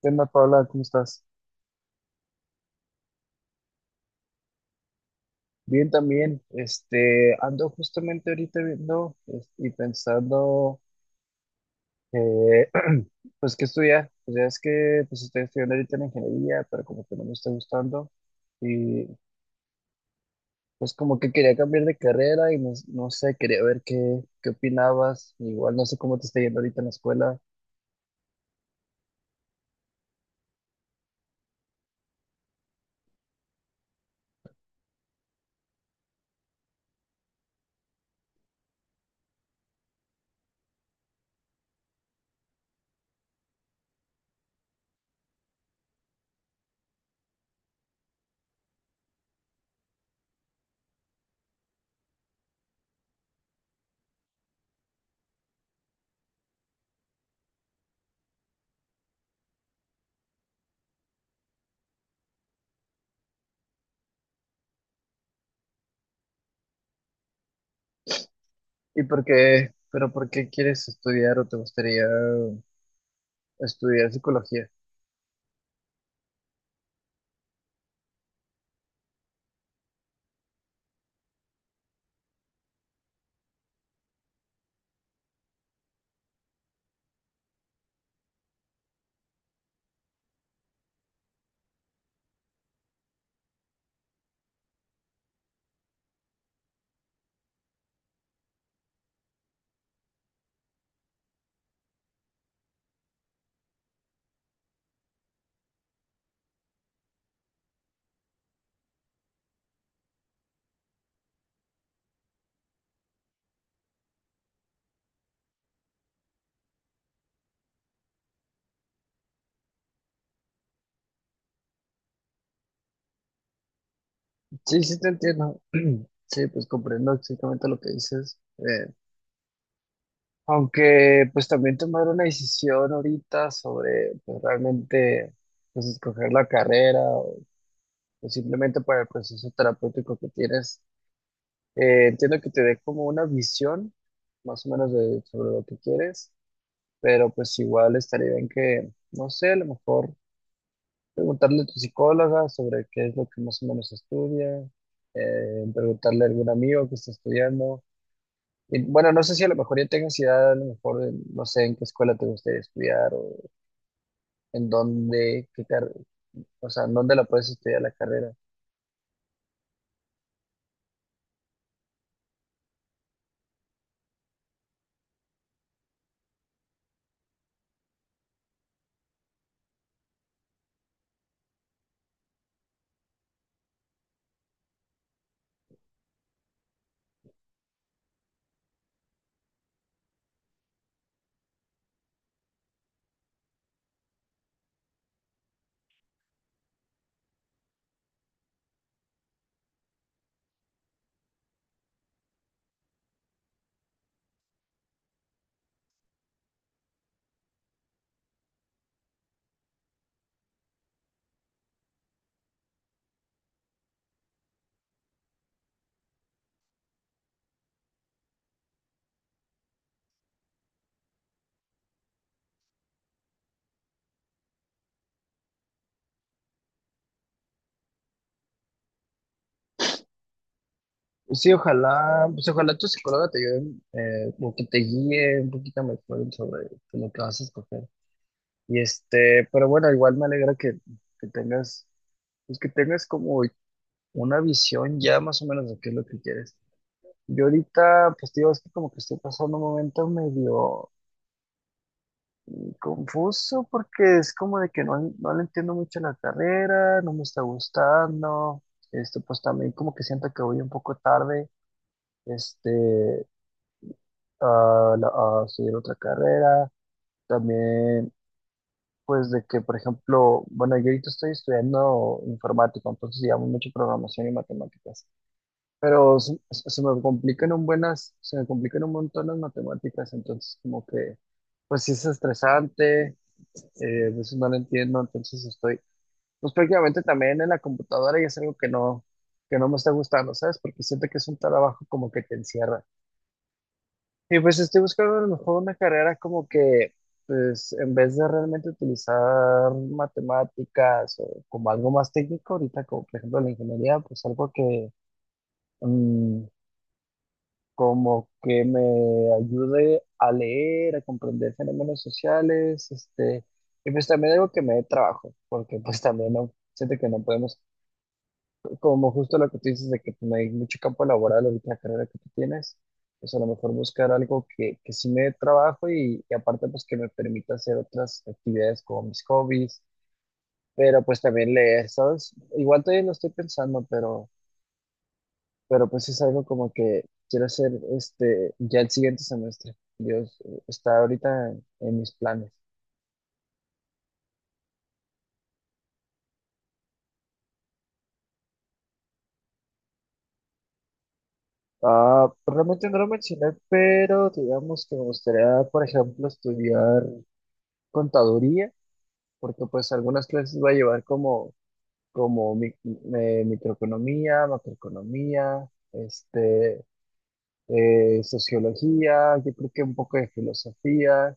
¿Qué onda, Paula? ¿Cómo estás? Bien también. Este, ando justamente ahorita viendo y pensando, eh, pues, qué estudiar. Pues ya es que pues, estoy estudiando ahorita en ingeniería, pero como que no me está gustando. Y pues como que quería cambiar de carrera y no, no sé, quería ver qué opinabas. Igual no sé cómo te está yendo ahorita en la escuela. ¿Y por qué? ¿Pero por qué quieres estudiar o te gustaría estudiar psicología? Sí, sí te entiendo. Sí, pues comprendo exactamente lo que dices. Aunque pues también tomar una decisión ahorita sobre pues, realmente pues escoger la carrera o pues, simplemente para el proceso terapéutico que tienes, entiendo que te dé como una visión más o menos de, sobre lo que quieres, pero pues igual estaría bien que, no sé, a lo mejor preguntarle a tu psicóloga sobre qué es lo que más o menos estudia, preguntarle a algún amigo que está estudiando. Y, bueno, no sé si a lo mejor ya tengas idea, a lo mejor, no sé en qué escuela te gustaría estudiar o en dónde, o sea, en dónde la puedes estudiar la carrera. Pues sí, ojalá, pues ojalá tu psicóloga te ayude, como que te guíe un poquito mejor sobre pues, lo que vas a escoger. Y este, pero bueno, igual me alegra que tengas, que tengas como una visión ya más o menos de qué es lo que quieres. Yo ahorita, pues te digo, es que como que estoy pasando un momento medio confuso porque es como de que no le entiendo mucho la carrera, no me está gustando, este, pues también como que siento que voy un poco tarde, este, a estudiar otra carrera, también pues de que, por ejemplo, bueno, yo ahorita estoy estudiando informática, entonces llevamos mucho programación y matemáticas, pero se me complican un montón las matemáticas, entonces como que, pues sí es estresante, a veces no lo entiendo, entonces estoy pues prácticamente también en la computadora y es algo que no me está gustando, ¿sabes? Porque siento que es un trabajo como que te encierra. Y pues estoy buscando a lo mejor una carrera como que, pues en vez de realmente utilizar matemáticas o como algo más técnico, ahorita como por ejemplo la ingeniería, pues algo que mm, como que me ayude a leer, a comprender fenómenos sociales, este, y pues también algo que me dé trabajo, porque pues también no, siento que no podemos como justo lo que tú dices de que pues, no hay mucho campo laboral ahorita en la carrera que tú tienes, pues a lo mejor buscar algo que sí me dé trabajo y aparte pues que me permita hacer otras actividades como mis hobbies, pero pues también leer, ¿sabes? Igual todavía lo estoy pensando, pero pues es algo como que quiero hacer este ya el siguiente semestre. Dios, está ahorita en mis planes. Ah, realmente no lo mencioné, pero digamos que me gustaría, por ejemplo, estudiar contaduría porque pues algunas clases va a llevar como microeconomía, macroeconomía, este, sociología, yo creo que un poco de filosofía,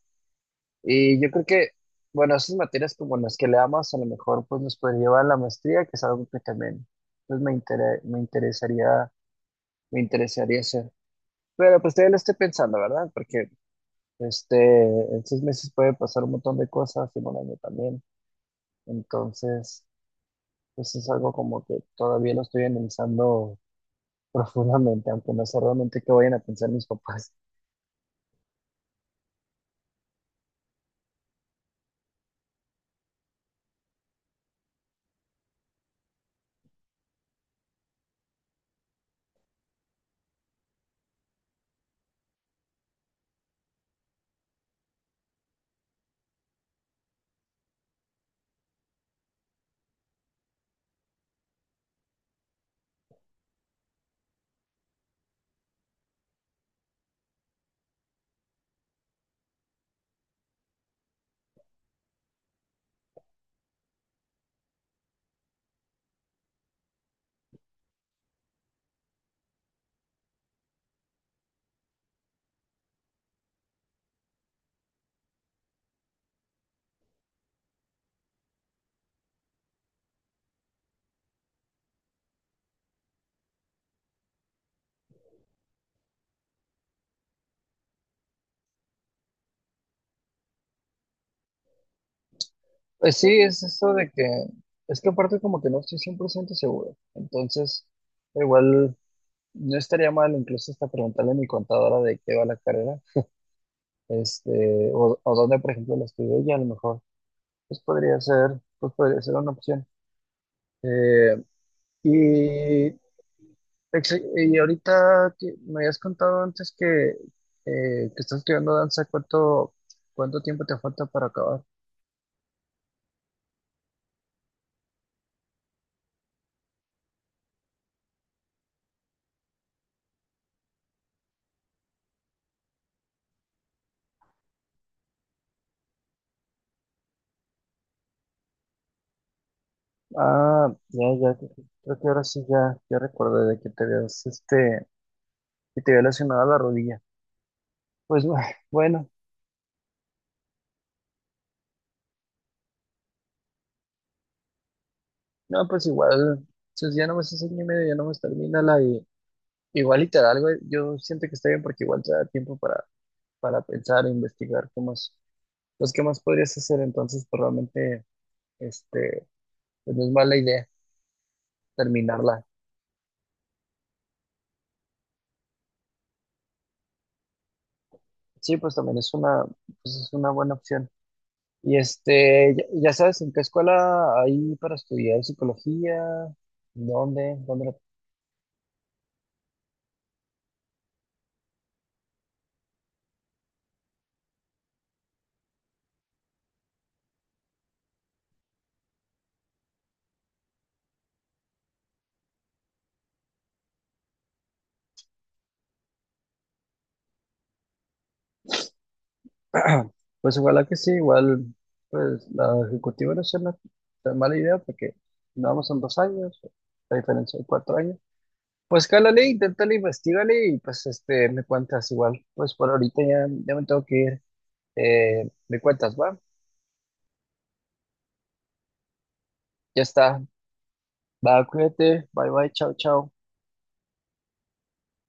y yo creo que, bueno, esas materias como las que le amas, a lo mejor pues nos puede llevar a la maestría, que es algo que también pues me interesaría hacer. Pero pues todavía lo estoy pensando, ¿verdad? Porque este, en 6 meses puede pasar un montón de cosas, y un año también. Entonces. Pues es algo como que todavía lo estoy analizando profundamente, aunque no sé realmente qué vayan a pensar mis papás. Pues sí, es eso de que, es que aparte como que no estoy 100% seguro. Entonces, igual no estaría mal incluso hasta preguntarle a mi contadora de qué va la carrera, este, o dónde, por ejemplo, la estudié y a lo mejor, podría ser una opción. Eh, y Y ahorita que me habías contado antes que estás estudiando danza, ¿cuánto tiempo te falta para acabar? Ah, ya, ya, creo que ahora sí ya, ya recordé de que te habías, este, que te había lesionado la rodilla. Pues bu- bueno, no, pues igual, si ya no me haces año y medio, ya no me termina la y igual y te algo, yo siento que está bien porque igual te da tiempo para pensar e investigar qué más podrías hacer entonces, pues realmente, este, pues no es mala idea. Terminarla. Sí, pues también es una, pues es una buena opción. Y este, ya, ya sabes, ¿en qué escuela hay para estudiar psicología? ¿Dónde? ¿Dónde? la- Pues igual que sí, igual, pues la ejecutiva no es una tan mala idea porque vamos son 2 años, la diferencia de 4 años. Pues cálale, inténtale, investigale y pues este, me cuentas igual. Pues por ahorita ya, ya me tengo que ir. Me cuentas, va. Ya está. Va, cuídate. Bye bye, chao, chao.